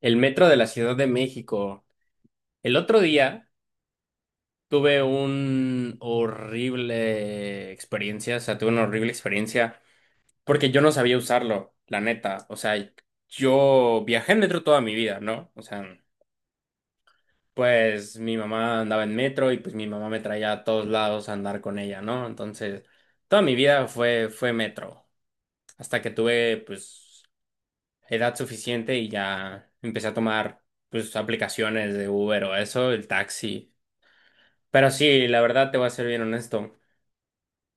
El metro de la Ciudad de México. El otro día tuve un horrible experiencia, o sea, tuve una horrible experiencia porque yo no sabía usarlo, la neta. O sea, yo viajé en metro toda mi vida, ¿no? O sea, pues mi mamá andaba en metro y pues mi mamá me traía a todos lados a andar con ella, ¿no? Entonces, toda mi vida fue metro, hasta que tuve pues edad suficiente y ya empecé a tomar pues aplicaciones de Uber o eso, el taxi. Pero sí, la verdad te voy a ser bien honesto.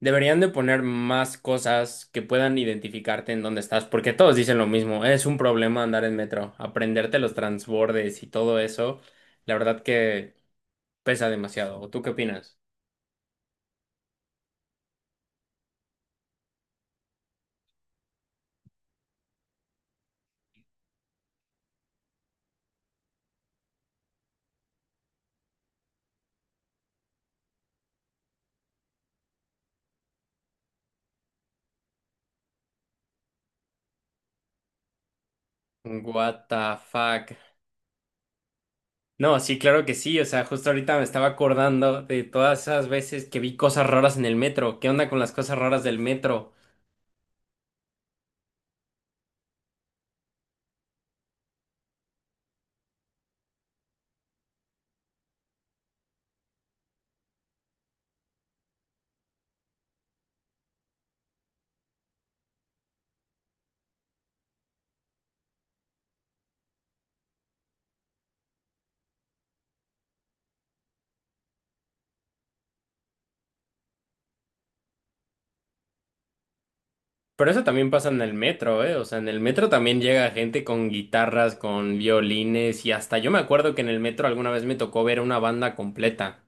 Deberían de poner más cosas que puedan identificarte en dónde estás, porque todos dicen lo mismo. Es un problema andar en metro, aprenderte los transbordes y todo eso. La verdad que pesa demasiado. ¿O ¿Tú qué opinas? What the fuck. No, sí, claro que sí. O sea, justo ahorita me estaba acordando de todas esas veces que vi cosas raras en el metro. ¿Qué onda con las cosas raras del metro? Pero eso también pasa en el metro, ¿eh? O sea, en el metro también llega gente con guitarras, con violines y hasta yo me acuerdo que en el metro alguna vez me tocó ver una banda completa.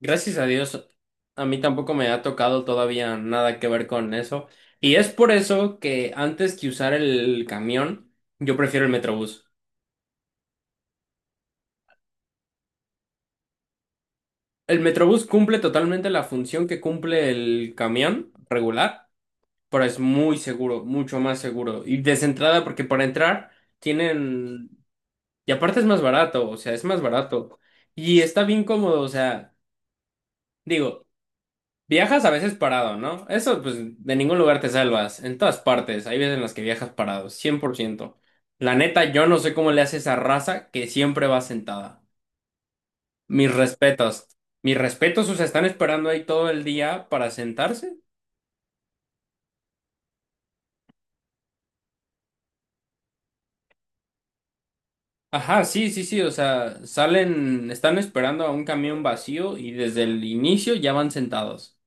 Gracias a Dios, a mí tampoco me ha tocado todavía nada que ver con eso. Y es por eso que antes que usar el camión, yo prefiero el metrobús. El metrobús cumple totalmente la función que cumple el camión regular, pero es muy seguro, mucho más seguro. Y desentrada porque para entrar tienen. Y aparte es más barato, o sea, es más barato. Y está bien cómodo, o sea, digo, viajas a veces parado, ¿no? Eso, pues, de ningún lugar te salvas. En todas partes, hay veces en las que viajas parado, cien por ciento. La neta, yo no sé cómo le hace esa raza que siempre va sentada. Mis respetos. Mis respetos, o sea, están esperando ahí todo el día para sentarse. Ajá, sí, sí, sí, o sea, salen, están esperando a un camión vacío y desde el inicio ya van sentados.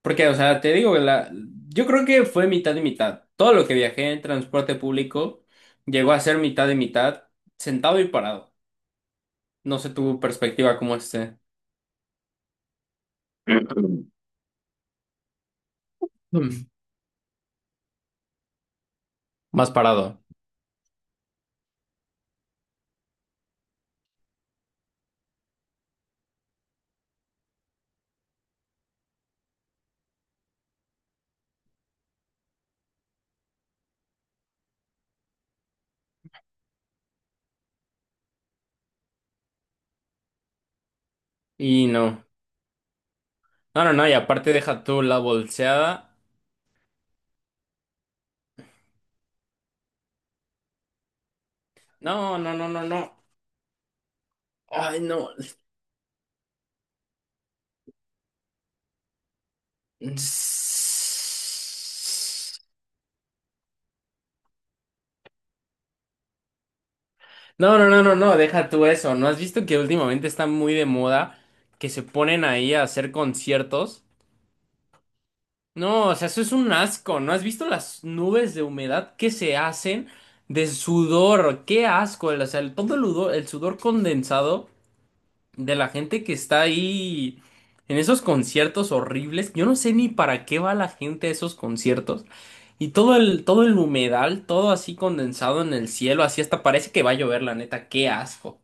Porque, o sea, te digo, la, yo creo que fue mitad y mitad. Todo lo que viajé en transporte público llegó a ser mitad y mitad, sentado y parado. No sé tu perspectiva cómo esté. Mm. Más parado. Y no. No, no, no. Y aparte deja tú la bolseada. No, no, no, no, no. Ay, no. No, no, no, no, no. Deja tú eso. ¿No has visto que últimamente está muy de moda que se ponen ahí a hacer conciertos? No, o sea, eso es un asco. ¿No has visto las nubes de humedad que se hacen de sudor? Qué asco. O sea, todo el sudor condensado de la gente que está ahí en esos conciertos horribles. Yo no sé ni para qué va la gente a esos conciertos. Y todo el humedal, todo así condensado en el cielo, así hasta parece que va a llover, la neta. Qué asco.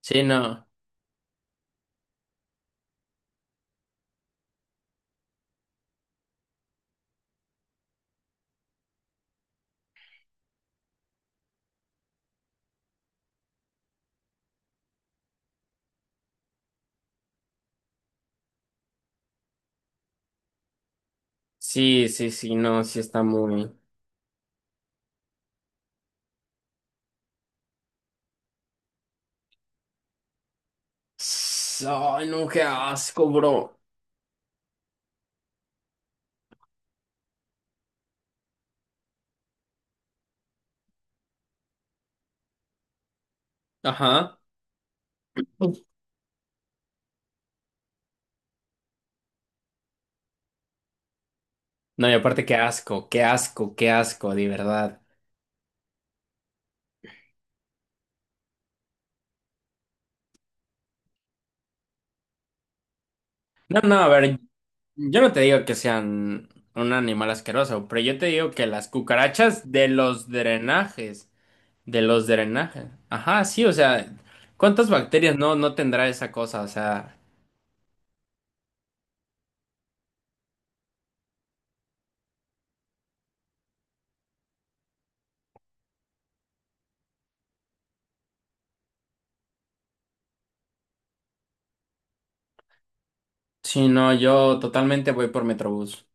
Sí, no. Sí, sí, sí, no, sí está muy... Ay, no, qué asco, bro. Ajá. No, y aparte, qué asco, qué asco, qué asco, de verdad. No, no, a ver, yo no te digo que sean un animal asqueroso, pero yo te digo que las cucarachas de los drenajes, de los drenajes. Ajá, sí, o sea, ¿cuántas bacterias no tendrá esa cosa? O sea, si no, yo totalmente voy por Metrobús.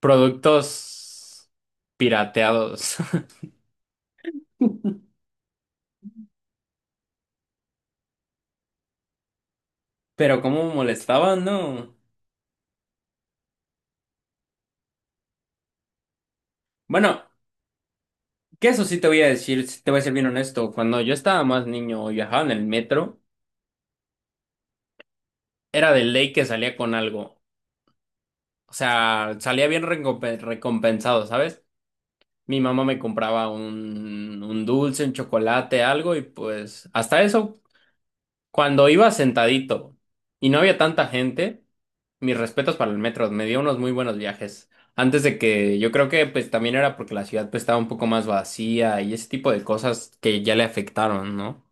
Productos pirateados. Pero cómo molestaban, ¿no? Bueno, que eso sí te voy a decir, sí te voy a ser bien honesto, cuando yo estaba más niño y viajaba en el metro, era de ley que salía con algo. O sea, salía bien recompensado, ¿sabes? Mi mamá me compraba un dulce, un chocolate, algo, y pues hasta eso, cuando iba sentadito y no había tanta gente, mis respetos para el metro, me dio unos muy buenos viajes. Antes de que yo creo que pues también era porque la ciudad pues estaba un poco más vacía y ese tipo de cosas que ya le afectaron, ¿no?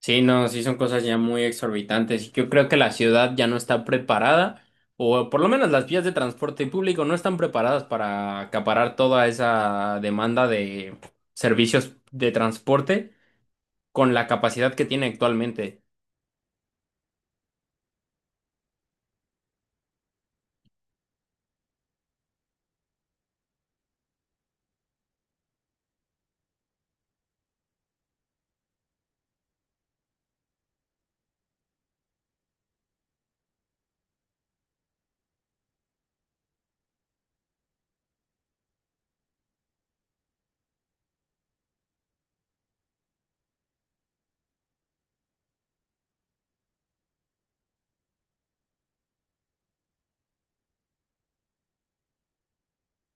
Sí, no, sí son cosas ya muy exorbitantes y yo creo que la ciudad ya no está preparada, o por lo menos las vías de transporte público no están preparadas para acaparar toda esa demanda de servicios de transporte con la capacidad que tiene actualmente.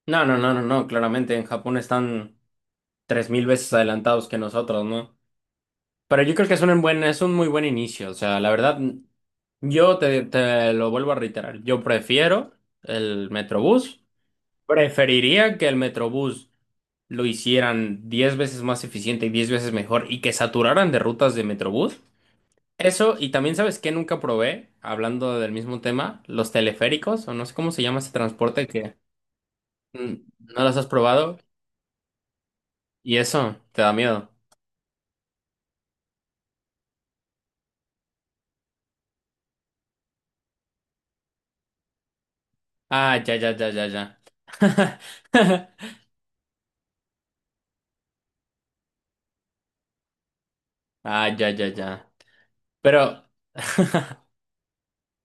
No, no, no, no, no, claramente en Japón están 3.000 veces adelantados que nosotros, ¿no? Pero yo creo que es un buen, es un muy buen inicio, o sea, la verdad, yo te lo vuelvo a reiterar, yo prefiero el Metrobús. Preferiría que el Metrobús lo hicieran 10 veces más eficiente y 10 veces mejor y que saturaran de rutas de Metrobús. Eso, y también sabes que nunca probé, hablando del mismo tema, los teleféricos, o no sé cómo se llama ese transporte que mm, no los has probado y eso te da miedo. Ah, ya, ya, ya, ya, ya. Ah, ya, ya, ya. Pero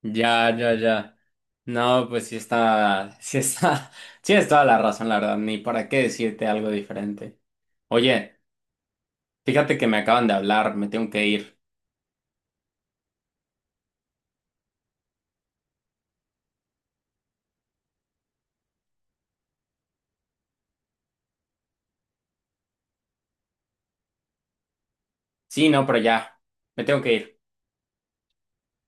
ya, ya, ya. No, pues sí está, sí es toda la razón, la verdad, ni para qué decirte algo diferente. Oye, fíjate que me acaban de hablar, me tengo que ir. Sí, no, pero ya, me tengo que ir.